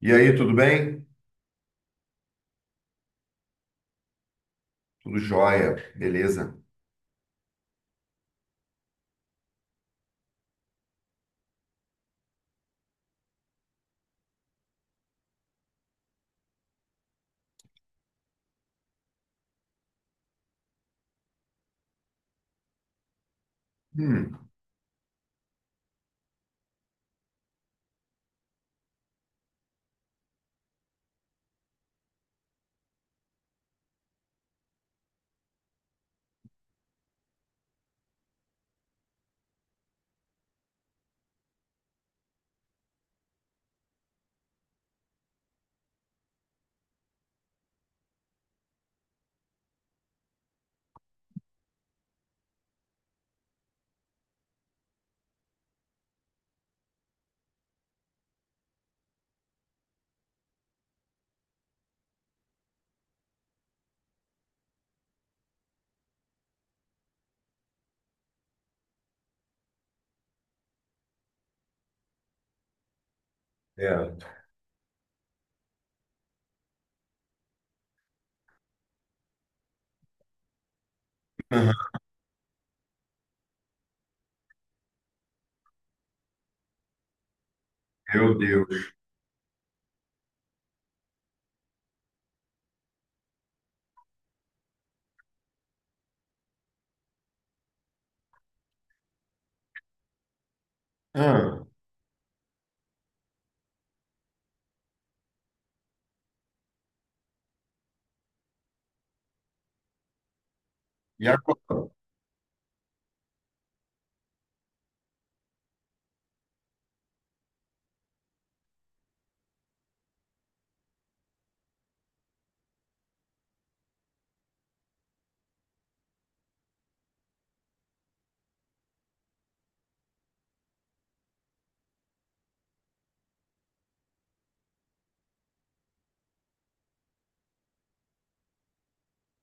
E aí, tudo bem? Tudo jóia, beleza? Hum, é. Aham, Meu Deus. Ah, e agora?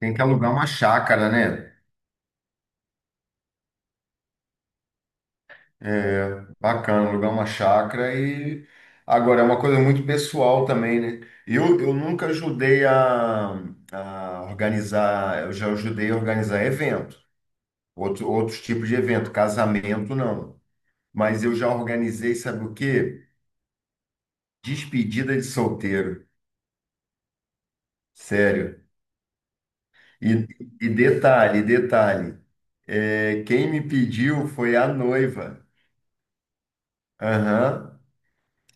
Tem que alugar uma chácara, né? É, bacana, alugar uma chácara e agora é uma coisa muito pessoal também, né? Eu nunca ajudei a organizar, eu já ajudei a organizar evento, outros tipos de evento, casamento não. Mas eu já organizei, sabe o quê? Despedida de solteiro. Sério. E, e detalhe, detalhe, quem me pediu foi a noiva. Aham.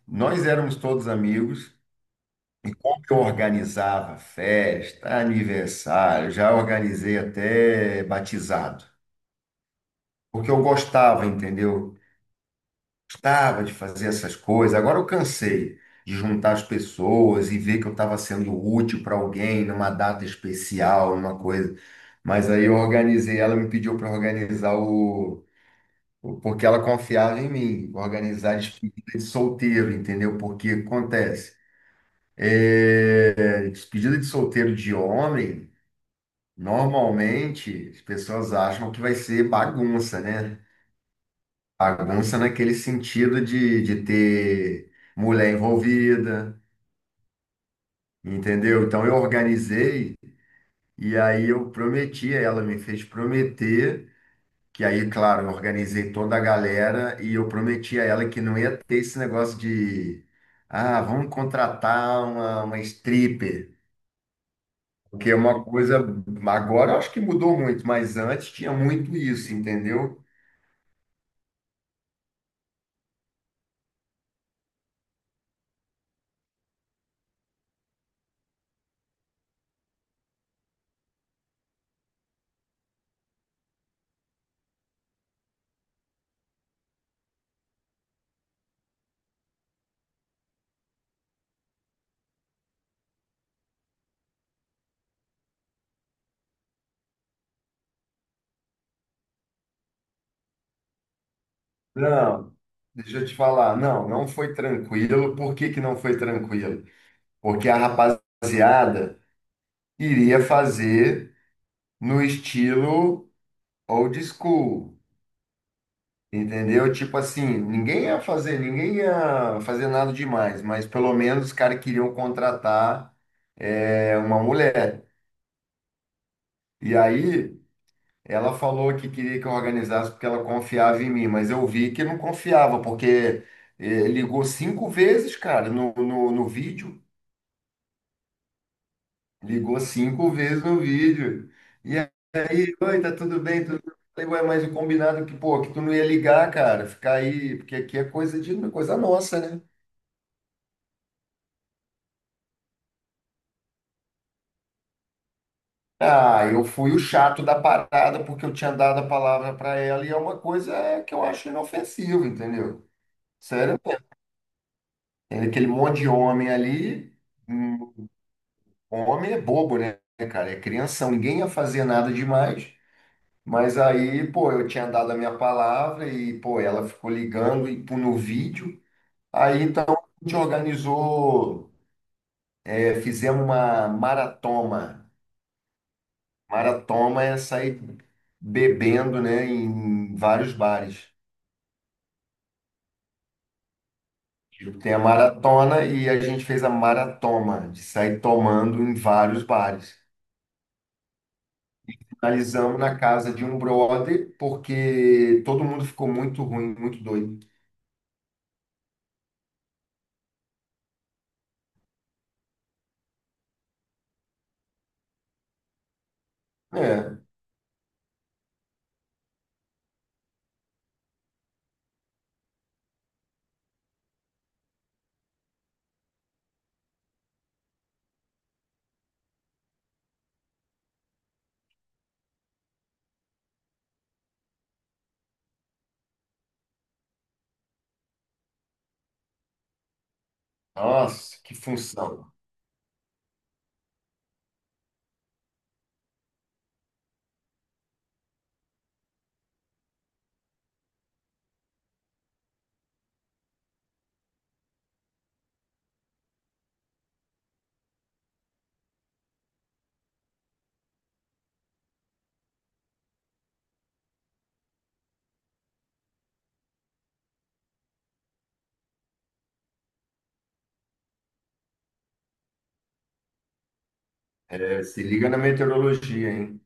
Nós éramos todos amigos e como eu organizava festa, aniversário, já organizei até batizado, porque eu gostava, entendeu? Gostava de fazer essas coisas. Agora eu cansei de juntar as pessoas e ver que eu estava sendo útil para alguém numa data especial, numa coisa. Mas aí eu organizei, ela me pediu para organizar o Porque ela confiava em mim, organizar despedida de solteiro, entendeu? Porque acontece, despedida de solteiro de homem, normalmente as pessoas acham que vai ser bagunça, né? Bagunça naquele sentido de, ter mulher envolvida, entendeu? Então eu organizei e aí eu prometi, a ela me fez prometer. Que aí, claro, eu organizei toda a galera e eu prometi a ela que não ia ter esse negócio de, vamos contratar uma stripper. Porque é uma coisa, agora eu acho que mudou muito, mas antes tinha muito isso, entendeu? Não, deixa eu te falar, não, não foi tranquilo. Por que que não foi tranquilo? Porque a rapaziada iria fazer no estilo old school. Entendeu? Tipo assim, ninguém ia fazer nada demais, mas pelo menos os caras queriam contratar uma mulher. E aí ela falou que queria que eu organizasse porque ela confiava em mim, mas eu vi que não confiava, porque ligou cinco vezes, cara, no vídeo. Ligou cinco vezes no vídeo. E aí, oi, tá tudo bem? Tudo bem? Eu falei: ué, mas o combinado é que, pô, que tu não ia ligar, cara, ficar aí, porque aqui é coisa de coisa nossa, né? Ah, eu fui o chato da parada porque eu tinha dado a palavra para ela e é uma coisa que eu acho inofensiva, entendeu? Sério, tem aquele monte de homem ali, hum, homem é bobo, né, cara? É crianção, ninguém ia fazer nada demais. Mas aí, pô, eu tinha dado a minha palavra e, pô, ela ficou ligando e pô, no vídeo. Aí então a gente organizou, fizemos uma maratoma. Maratoma é sair bebendo, né, em vários bares. Tem a maratona e a gente fez a maratoma, de sair tomando em vários bares. Finalizamos na casa de um brother, porque todo mundo ficou muito ruim, muito doido. É, nossa, que função. É, se liga na meteorologia, hein?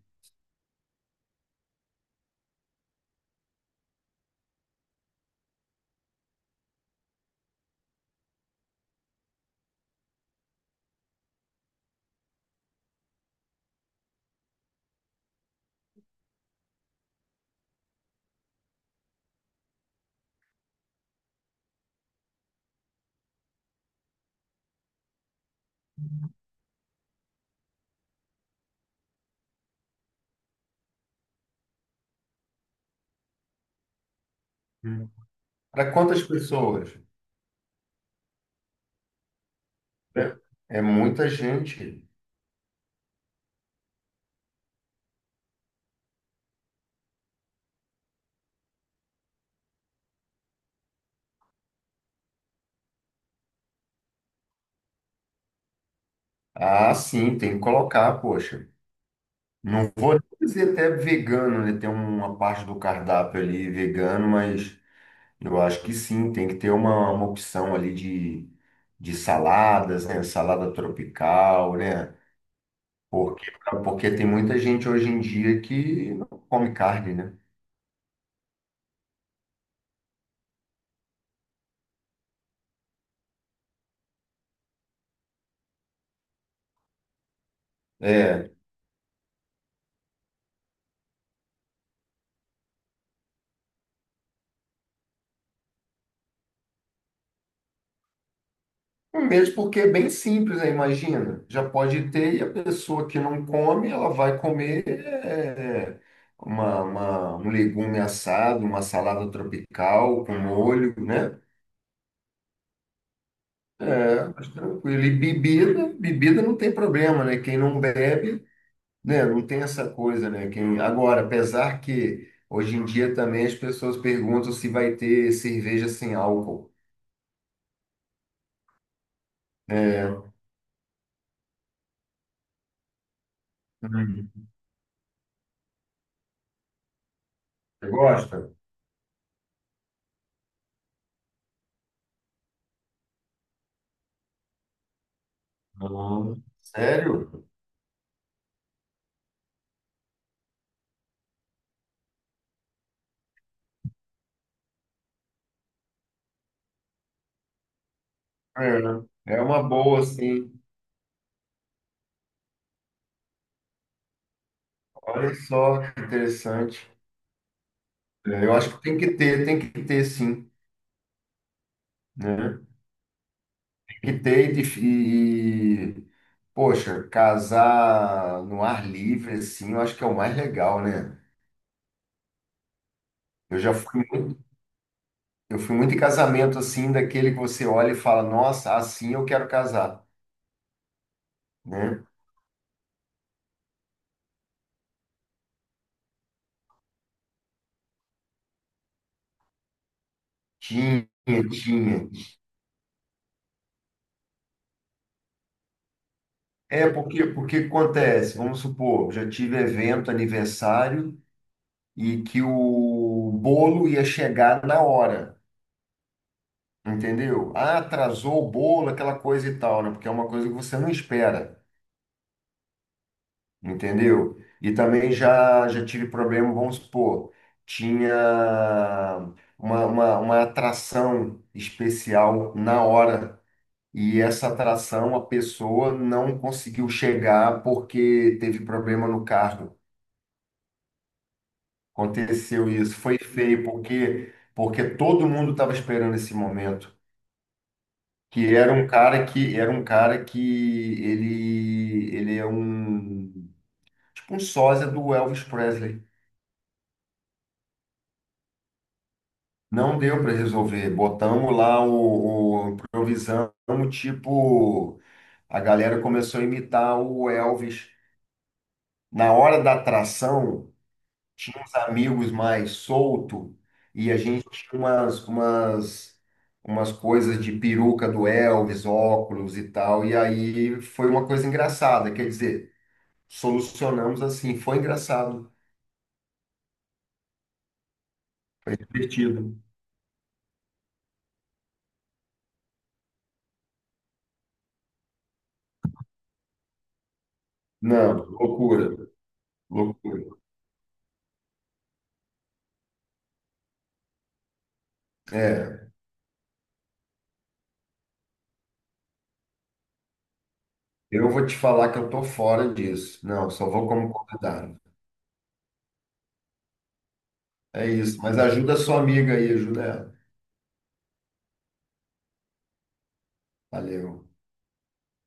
Para quantas pessoas? Né? É muita gente. Ah, sim, tem que colocar, poxa. Não vou dizer até vegano, né? Tem uma parte do cardápio ali vegano, mas eu acho que sim, tem que ter uma opção ali de, saladas, né? Salada tropical, né? Porque, porque tem muita gente hoje em dia que não come carne, né? É, mesmo porque é bem simples, né? Imagina, já pode ter e a pessoa que não come, ela vai comer um legume assado, uma salada tropical com molho, né? É, mas tranquilo. E bebida, bebida não tem problema, né? Quem não bebe, né? Não tem essa coisa, né? Quem. Agora, apesar que hoje em dia também as pessoas perguntam se vai ter cerveja sem álcool. É. Hum. Você gosta? Ah, sério? É, é uma boa, sim. Olha só que interessante. É, eu acho que tem que ter, sim, né? Tem que ter e, poxa, casar no ar livre, assim, eu acho que é o mais legal, né? Eu já fui Eu fui muito em casamento assim, daquele que você olha e fala, nossa, assim eu quero casar, né? Tinha, tinha. É porque acontece, vamos supor, já tive evento, aniversário e que o bolo ia chegar na hora, entendeu? Ah, atrasou o bolo, aquela coisa e tal, né? Porque é uma coisa que você não espera. Entendeu? E também já tive problema, vamos supor, tinha uma atração especial na hora. E essa atração a pessoa não conseguiu chegar porque teve problema no carro. Aconteceu isso, foi feio porque todo mundo estava esperando esse momento, que era um cara que ele é um tipo um sósia do Elvis Presley. Não deu para resolver. Botamos lá o improvisamos, tipo, a galera começou a imitar o Elvis. Na hora da atração, tinha uns amigos mais solto e a gente tinha umas coisas de peruca do Elvis, óculos e tal. E aí foi uma coisa engraçada, quer dizer, solucionamos assim, foi engraçado, foi divertido. Não, loucura, loucura. É. Eu vou te falar que eu tô fora disso. Não, só vou como convidado. É isso. Mas ajuda a sua amiga aí, ajuda ela. Valeu.